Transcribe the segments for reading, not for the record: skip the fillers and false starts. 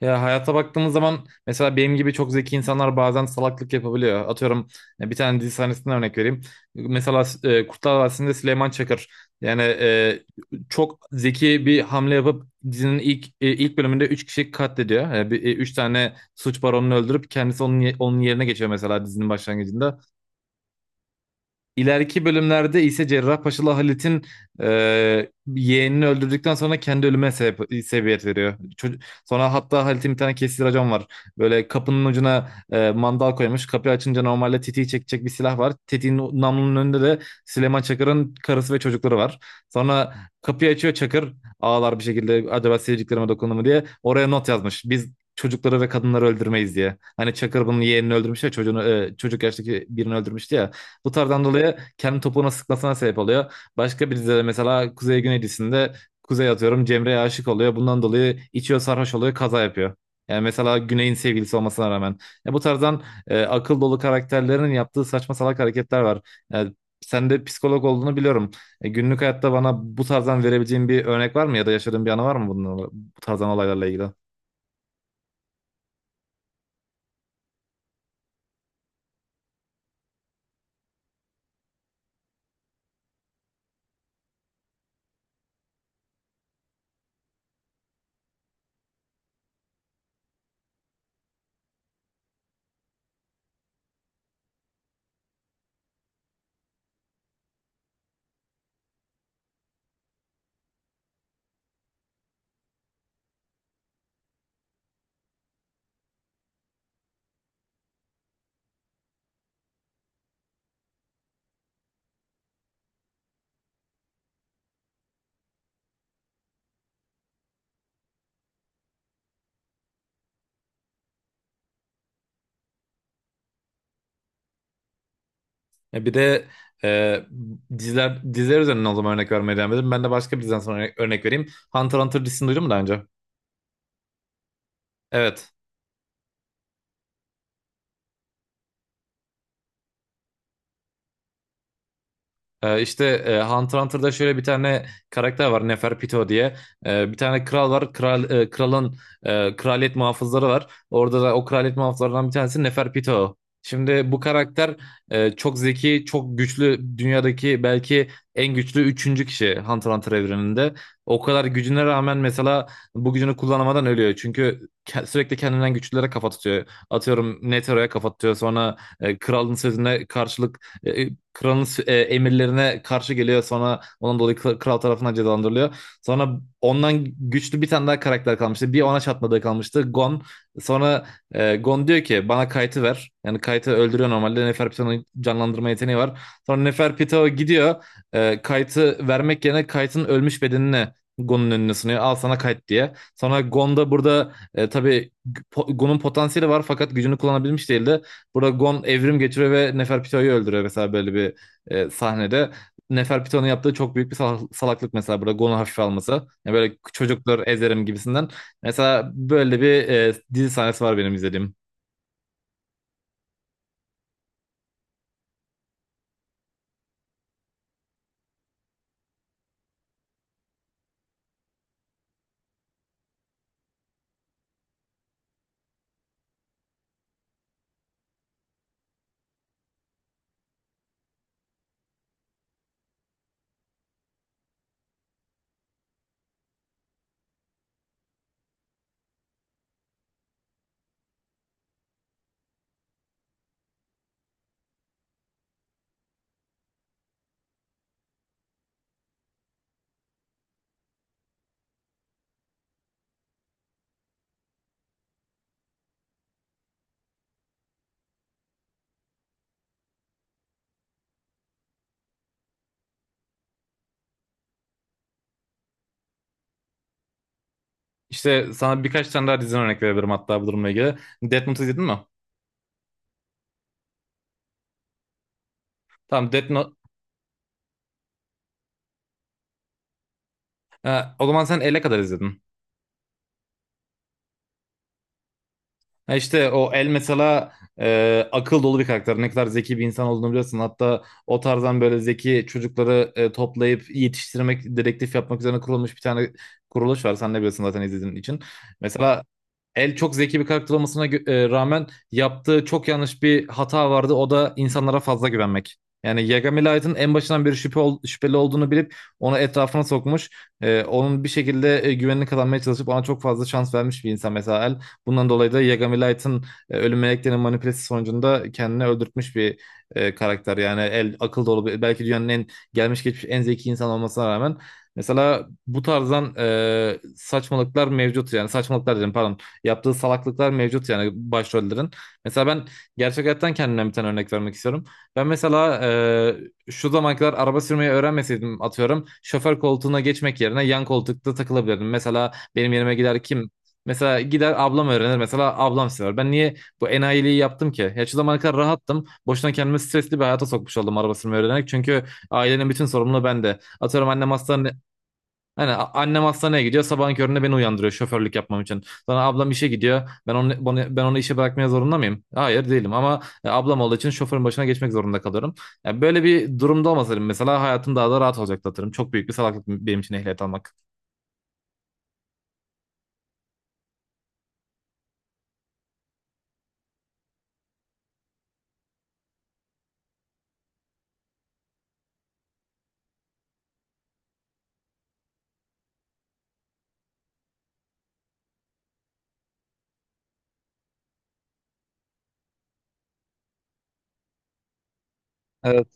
Ya hayata baktığımız zaman mesela benim gibi çok zeki insanlar bazen salaklık yapabiliyor. Atıyorum bir tane dizi sahnesinden örnek vereyim. Mesela Kurtlar Vadisi'nde Süleyman Çakır yani çok zeki bir hamle yapıp dizinin ilk bölümünde 3 kişiyi katlediyor. Yani üç tane suç baronunu öldürüp kendisi onun yerine geçiyor mesela dizinin başlangıcında. İleriki bölümlerde ise Cerrahpaşalı Halit'in yeğenini öldürdükten sonra kendi sebebiyet veriyor. Sonra hatta Halit'in bir tane kesici racon var. Böyle kapının ucuna mandal koymuş. Kapıyı açınca normalde tetiği çekecek bir silah var. Tetiğin namlunun önünde de Süleyman Çakır'ın karısı ve çocukları var. Sonra kapıyı açıyor Çakır, ağlar bir şekilde, acaba sevdiklerime dokundu mu diye. Oraya not yazmış: biz çocukları ve kadınları öldürmeyiz diye. Hani Çakır bunun yeğenini öldürmüş ya, çocuk yaştaki birini öldürmüştü ya. Bu tarzdan dolayı kendi topuğuna sıkmasına sebep oluyor. Başka bir dizide mesela Kuzey Güneylisinde Kuzey, atıyorum, Cemre'ye aşık oluyor. Bundan dolayı içiyor, sarhoş oluyor, kaza yapıyor. Yani mesela Güney'in sevgilisi olmasına rağmen. Ya bu tarzdan akıl dolu karakterlerin yaptığı saçma salak hareketler var. Yani sen de psikolog olduğunu biliyorum. Günlük hayatta bana bu tarzdan verebileceğin bir örnek var mı, ya da yaşadığın bir anı var mı bu tarzdan olaylarla ilgili? Ya bir de e, diziler üzerinden o zaman örnek vermeye devam edelim. Ben de başka bir diziden sonra örnek vereyim. Hunter x Hunter dizisini duydun mu daha önce? Evet. İşte Hunter Hunter'da şöyle bir tane karakter var, Neferpito diye. Bir tane kral var. Kralın kraliyet muhafızları var. Orada da o kraliyet muhafızlarından bir tanesi Neferpito. Şimdi bu karakter çok zeki, çok güçlü, dünyadaki belki en güçlü üçüncü kişi Hunter Hunter evreninde. O kadar gücüne rağmen mesela bu gücünü kullanamadan ölüyor. Çünkü sürekli kendinden güçlülere kafa tutuyor. Atıyorum Netero'ya kafa tutuyor. Sonra kralın sözüne karşılık kralın emirlerine karşı geliyor. Sonra onun dolayı kral tarafından cezalandırılıyor. Sonra ondan güçlü bir tane daha karakter kalmıştı. Bir ona çatmadığı kalmıştı: Gon. Sonra Gon diyor ki bana Kayt'ı ver. Yani Kayt'ı öldürüyor normalde. Neferpito'nun canlandırma yeteneği var. Sonra Neferpito gidiyor. Kayt'ı vermek yerine Kayt'ın ölmüş bedenini Gon'un önüne sunuyor, al sana Kayt diye. Sonra Gon da burada tabii Gon'un potansiyeli var fakat gücünü kullanabilmiş değildi. Burada Gon evrim geçiriyor ve Neferpito'yu öldürüyor, mesela böyle bir sahnede. Neferpito'nun yaptığı çok büyük bir salaklık mesela burada, Gon'u hafife alması. Yani böyle çocuklar ezerim gibisinden. Mesela böyle bir dizi sahnesi var benim izlediğim. İşte sana birkaç tane daha diziden örnek verebilirim hatta bu durumla ilgili. Death Note izledin mi? Tamam, Death Note. O zaman sen ele kadar izledin. Ha, işte o El mesela akıl dolu bir karakter. Ne kadar zeki bir insan olduğunu biliyorsun. Hatta o tarzdan böyle zeki çocukları toplayıp yetiştirmek, dedektif yapmak üzerine kurulmuş bir tane kuruluş var. Sen de biliyorsun zaten izlediğin için. Mesela El çok zeki bir karakter rağmen yaptığı çok yanlış bir hata vardı. O da insanlara fazla güvenmek. Yani Yagami Light'ın en başından beri şüpheli olduğunu bilip onu etrafına sokmuş. Onun bir şekilde güvenini kazanmaya çalışıp ona çok fazla şans vermiş bir insan mesela El. Bundan dolayı da Yagami Light'ın, ölüm meleklerinin manipülesi sonucunda kendini öldürtmüş bir karakter. Yani El akıl dolu bir, belki dünyanın en gelmiş geçmiş en zeki insan olmasına rağmen mesela bu tarzdan saçmalıklar mevcut, yani saçmalıklar dedim, pardon, yaptığı salaklıklar mevcut yani başrollerin. Mesela ben gerçek hayattan kendimden bir tane örnek vermek istiyorum. Ben mesela şu zamana kadar araba sürmeyi öğrenmeseydim, atıyorum, şoför koltuğuna geçmek yerine yan koltukta takılabilirdim. Mesela benim yerime gider kim? Mesela gider ablam öğrenir. Mesela ablam sever. Ben niye bu enayiliği yaptım ki? Ya şu zamana kadar rahattım. Boşuna kendimi stresli bir hayata sokmuş oldum araba sürmeyi öğrenerek. Çünkü ailenin bütün sorumluluğu bende. Atıyorum annem hastane annem hastaneye gidiyor. Sabahın köründe beni uyandırıyor şoförlük yapmam için. Sonra ablam işe gidiyor. Ben onu işe bırakmaya zorunda mıyım? Hayır, değilim, ama ablam olduğu için şoförün başına geçmek zorunda kalıyorum. Yani böyle bir durumda olmasaydım mesela hayatım daha da rahat olacaktı atarım. Çok büyük bir salaklık benim için ehliyet almak. Evet.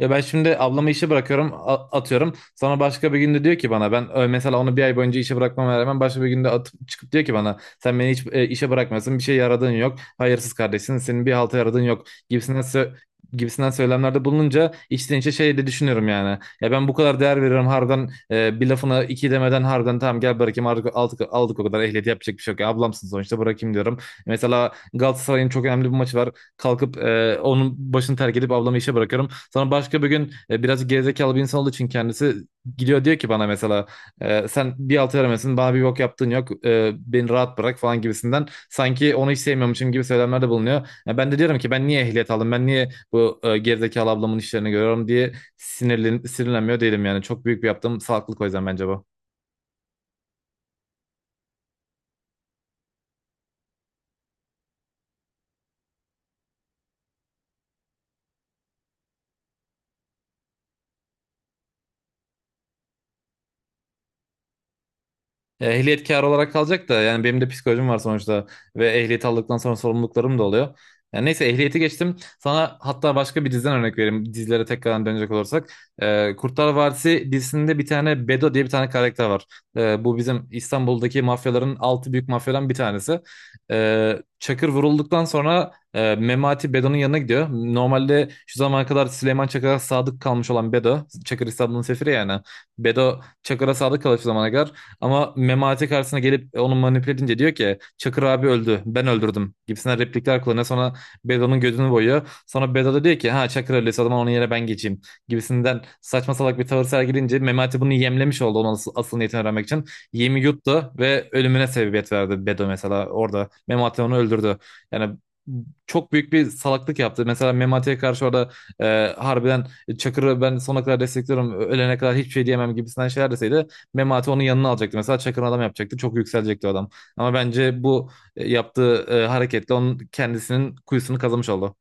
Ya ben şimdi ablamı işe bırakıyorum, a- atıyorum. Sonra başka bir günde diyor ki bana, ben mesela onu bir ay boyunca işe bırakmama rağmen başka bir günde atıp çıkıp diyor ki bana, sen beni hiç işe bırakmıyorsun, bir şey yaradığın yok, hayırsız kardeşsin senin, bir halta yaradığın yok gibisinden söylemlerde bulununca içten içe şey de düşünüyorum yani. Ya ben bu kadar değer veriyorum harbiden, bir lafına iki demeden harbiden tamam gel bırakayım, artık aldık, aldık o kadar, ehliyet yapacak bir şey yok. Ya ablamsın sonuçta bırakayım diyorum. Mesela Galatasaray'ın çok önemli bir maçı var, kalkıp onun başını terk edip ablamı işe bırakıyorum. Sonra başka bir gün biraz gerizekalı bir insan olduğu için kendisi gidiyor, diyor ki bana mesela sen bir altı veremezsin bana, bir bok yaptığın yok, beni rahat bırak falan gibisinden, sanki onu hiç sevmiyormuşum gibi söylemlerde bulunuyor. Ya ben de diyorum ki ben niye ehliyet aldım, ben niye bu gerizekalı ablamın işlerini görüyorum diye sinirlenmiyor değilim yani, çok büyük bir yaptığım salaklık o yüzden bence bu. Ya, ehliyetkar olarak kalacak da yani benim de psikolojim var sonuçta ve ehliyeti aldıktan sonra sorumluluklarım da oluyor. Yani neyse, ehliyeti geçtim. Sana hatta başka bir diziden örnek vereyim. Dizilere tekrardan dönecek olursak. Kurtlar Vadisi dizisinde bir tane Bedo diye bir tane karakter var. Bu bizim İstanbul'daki mafyaların altı büyük mafyadan bir tanesi. Çakır vurulduktan sonra Memati Bedo'nun yanına gidiyor. Normalde şu zamana kadar Süleyman Çakır'a sadık kalmış olan Bedo. Çakır İstanbul'un sefiri yani. Bedo Çakır'a sadık kalıyor şu zamana kadar. Ama Memati karşısına gelip onu manipüle edince diyor ki Çakır abi öldü, ben öldürdüm gibisinden replikler kullanıyor. Sonra Bedo'nun gözünü boyuyor. Sonra Bedo da diyor ki, ha Çakır öldüyse o zaman onun yerine ben geçeyim gibisinden saçma salak bir tavır sergilince Memati bunu yemlemiş oldu onun asıl niyetini öğrenmek için. Yemi yuttu ve ölümüne sebebiyet verdi Bedo mesela orada. Memati onu öldürdü. Yani çok büyük bir salaklık yaptı. Mesela Memati'ye karşı orada harbiden Çakır'ı ben sonuna kadar destekliyorum, ölene kadar hiçbir şey diyemem gibisinden şeyler deseydi, Memati onun yanına alacaktı. Mesela Çakır'ın adam yapacaktı. Çok yükselecekti o adam. Ama bence bu yaptığı hareketle onun kendisinin kuyusunu kazımış oldu.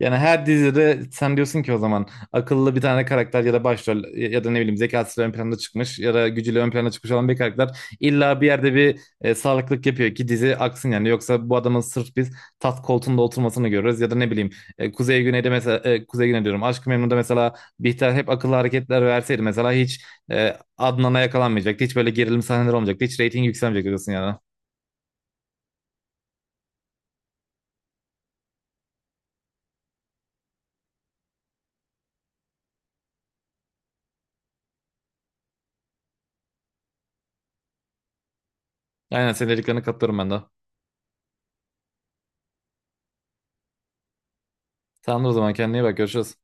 Yani her dizide sen diyorsun ki o zaman, akıllı bir tane karakter ya da başrol ya ya da ne bileyim zekasıyla ön plana çıkmış ya da gücüyle ön plana çıkmış olan bir karakter illa bir yerde bir sağlıklık yapıyor ki dizi aksın yani. Yoksa bu adamın sırf biz tat koltuğunda oturmasını görürüz ya da ne bileyim Kuzey Güney'de mesela, Kuzey Güney diyorum, Aşk-ı Memnu'da mesela Bihter hep akıllı hareketler verseydi mesela hiç Adnan'a yakalanmayacaktı. Hiç böyle gerilim sahneleri olmayacaktı. Hiç reyting yükselmeyecekti diyorsun yani. Aynen, senin dediklerine katılıyorum ben de. Tamamdır o zaman, kendine iyi bak, görüşürüz.